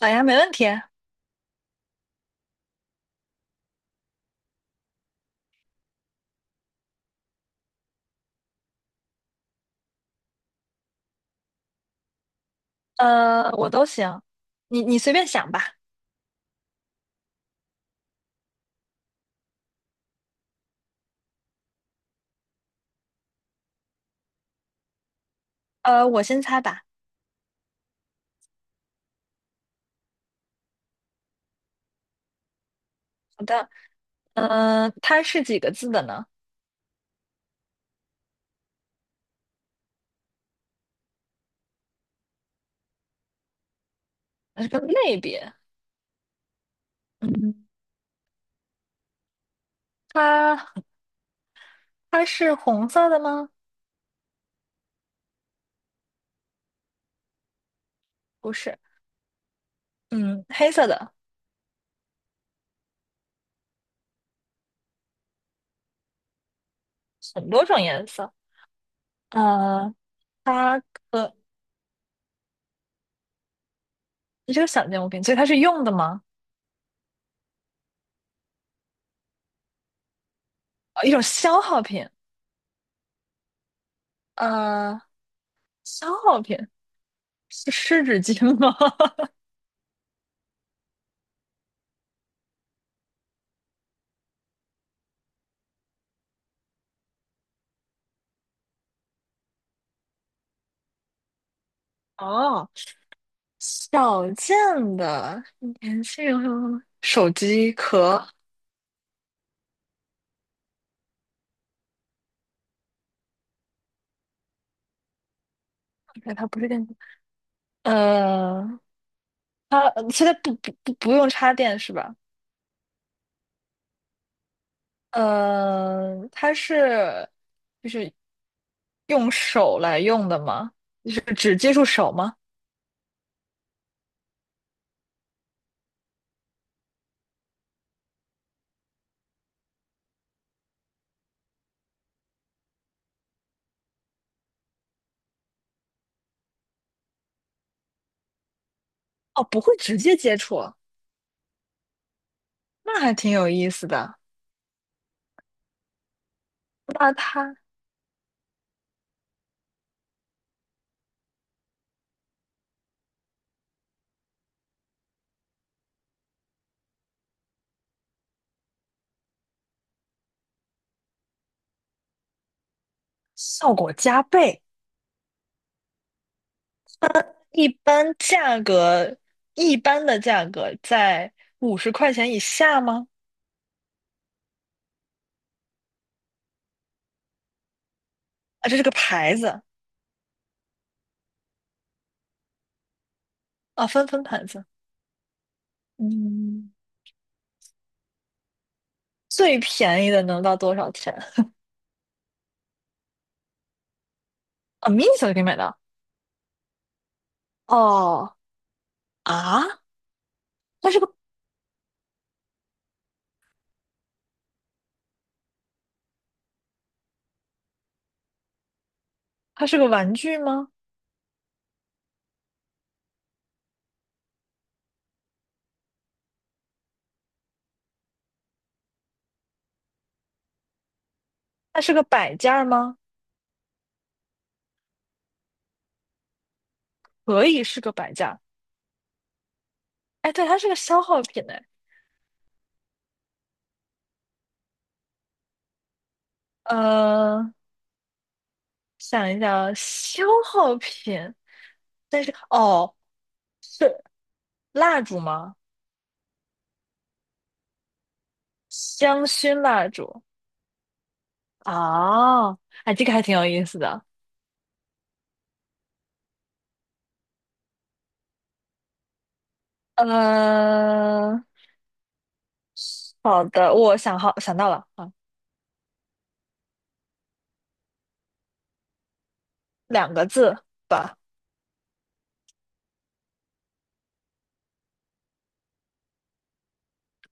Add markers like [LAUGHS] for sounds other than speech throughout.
好呀，没问题。呃，我都行，你随便想吧。呃，我先猜吧。好的，呃，它是几个字的呢？它是个类别。嗯，它它是红色的吗？不是。嗯，黑色的，很多种颜色。呃，它可这是个小件物品，所以它是用的吗？呃一种消耗品。呃，消耗品是湿纸巾吗？[LAUGHS] 哦，小件的，年轻人会用手机壳，哎，它不是电子，呃，它现在不用插电是吧？呃，它是用手来用的吗？就是只接触手吗？哦，不会直接接触啊，那还挺有意思的。那它效果加倍，一般价格，一般的价格在五十块钱以下吗？啊，这是个牌子啊，分牌子。嗯，最便宜的能到多少钱？啊，mini 小就可以买到。哦，啊，它是个它是个玩具吗？它是个摆件儿吗？可以是个摆件儿。哎，对，它是个消耗品哎。呃，想一想啊，消耗品，但是哦，是蜡烛吗？香薰蜡烛啊，哎，这个还挺有意思的。嗯，好的，我想好想到了啊，两个字。吧。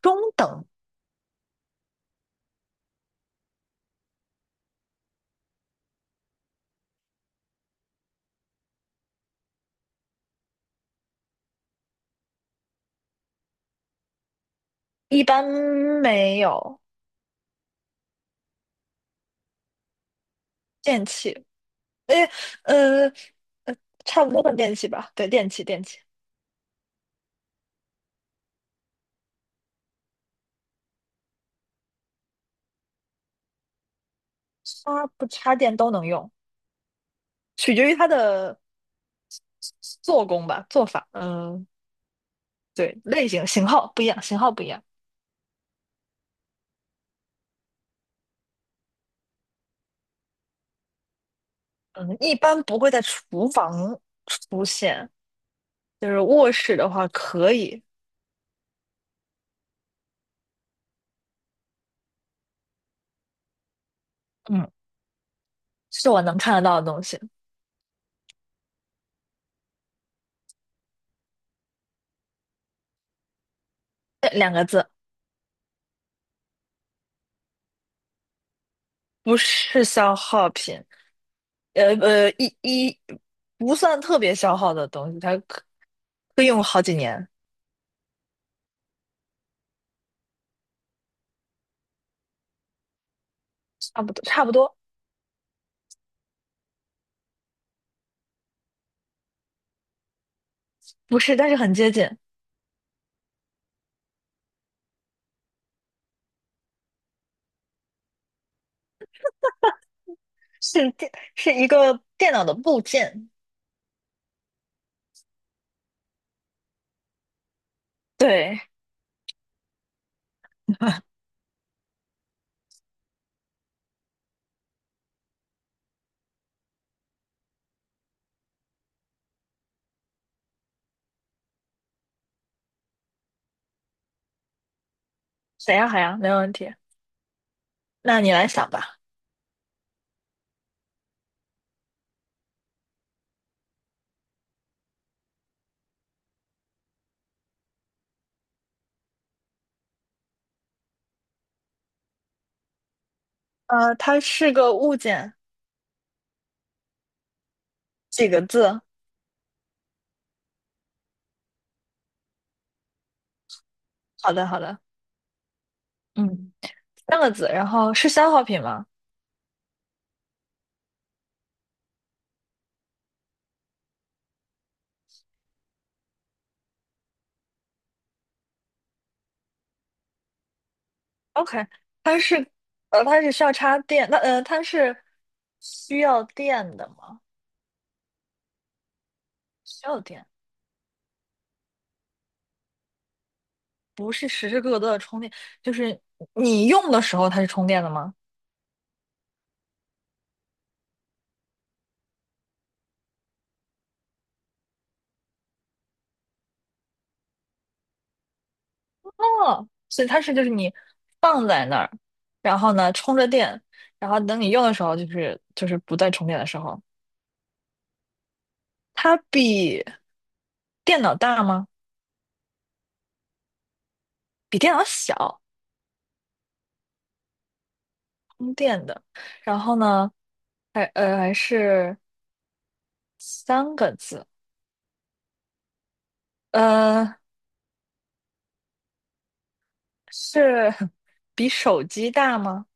中等，一般没有电器，哎，呃呃，差不多的电器吧，对，电器，插不插电都能用，取决于它的做工吧，做法，嗯、对，类型型号不一样，型号不一样，嗯，一般不会在厨房出现，就是卧室的话可以，嗯，是我能看得到的东西，不是消耗品，呃呃，一一不算特别消耗的东西，它可以用好几年，差不多，不是，但是很接近，是电是一个电脑的部件。对，[LAUGHS] 谁呀？海洋，没问题。那你来想吧。呃，它是个物件，几个字？好的，嗯，三个字。然后是消耗品吗？OK，它是，呃，它是需要插电，那呃，它是需要电的吗？需要电，不是时时刻刻都在充电，就是你用的时候它是充电的吗？哦，所以它是就是你放在那儿，然后呢充着电，然后等你用的时候就是不再充电的时候，它比电脑大吗？比电脑小，充电的。然后呢，还呃还是三个字，呃是 [LAUGHS] 比手机大吗？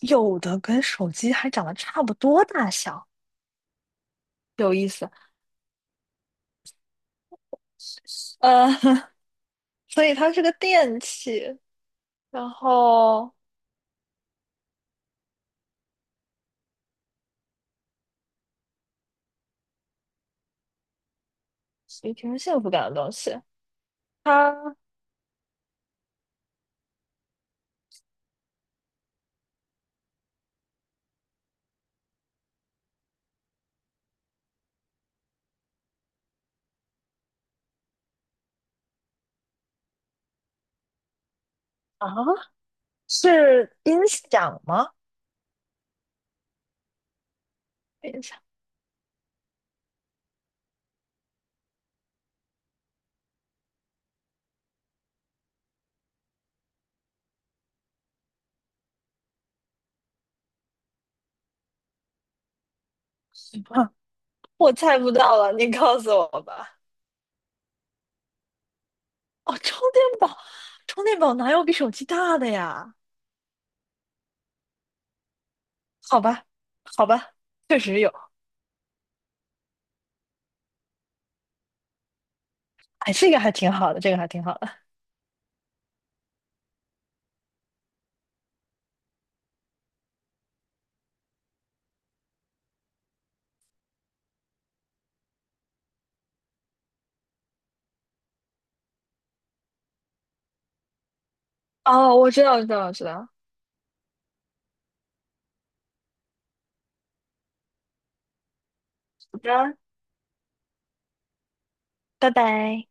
有的跟手机还长得差不多大小，有意思。呃，[LAUGHS] 所以它是个电器，然后也挺有幸福感的东西。它啊，是音响吗？等一下，[LAUGHS] 我猜不到了，你告诉我吧。哦，充电宝，充电宝哪有比手机大的呀？好吧，好吧，确实有。哎，这个还挺好的，这个还挺好的。我知道。好的，拜拜。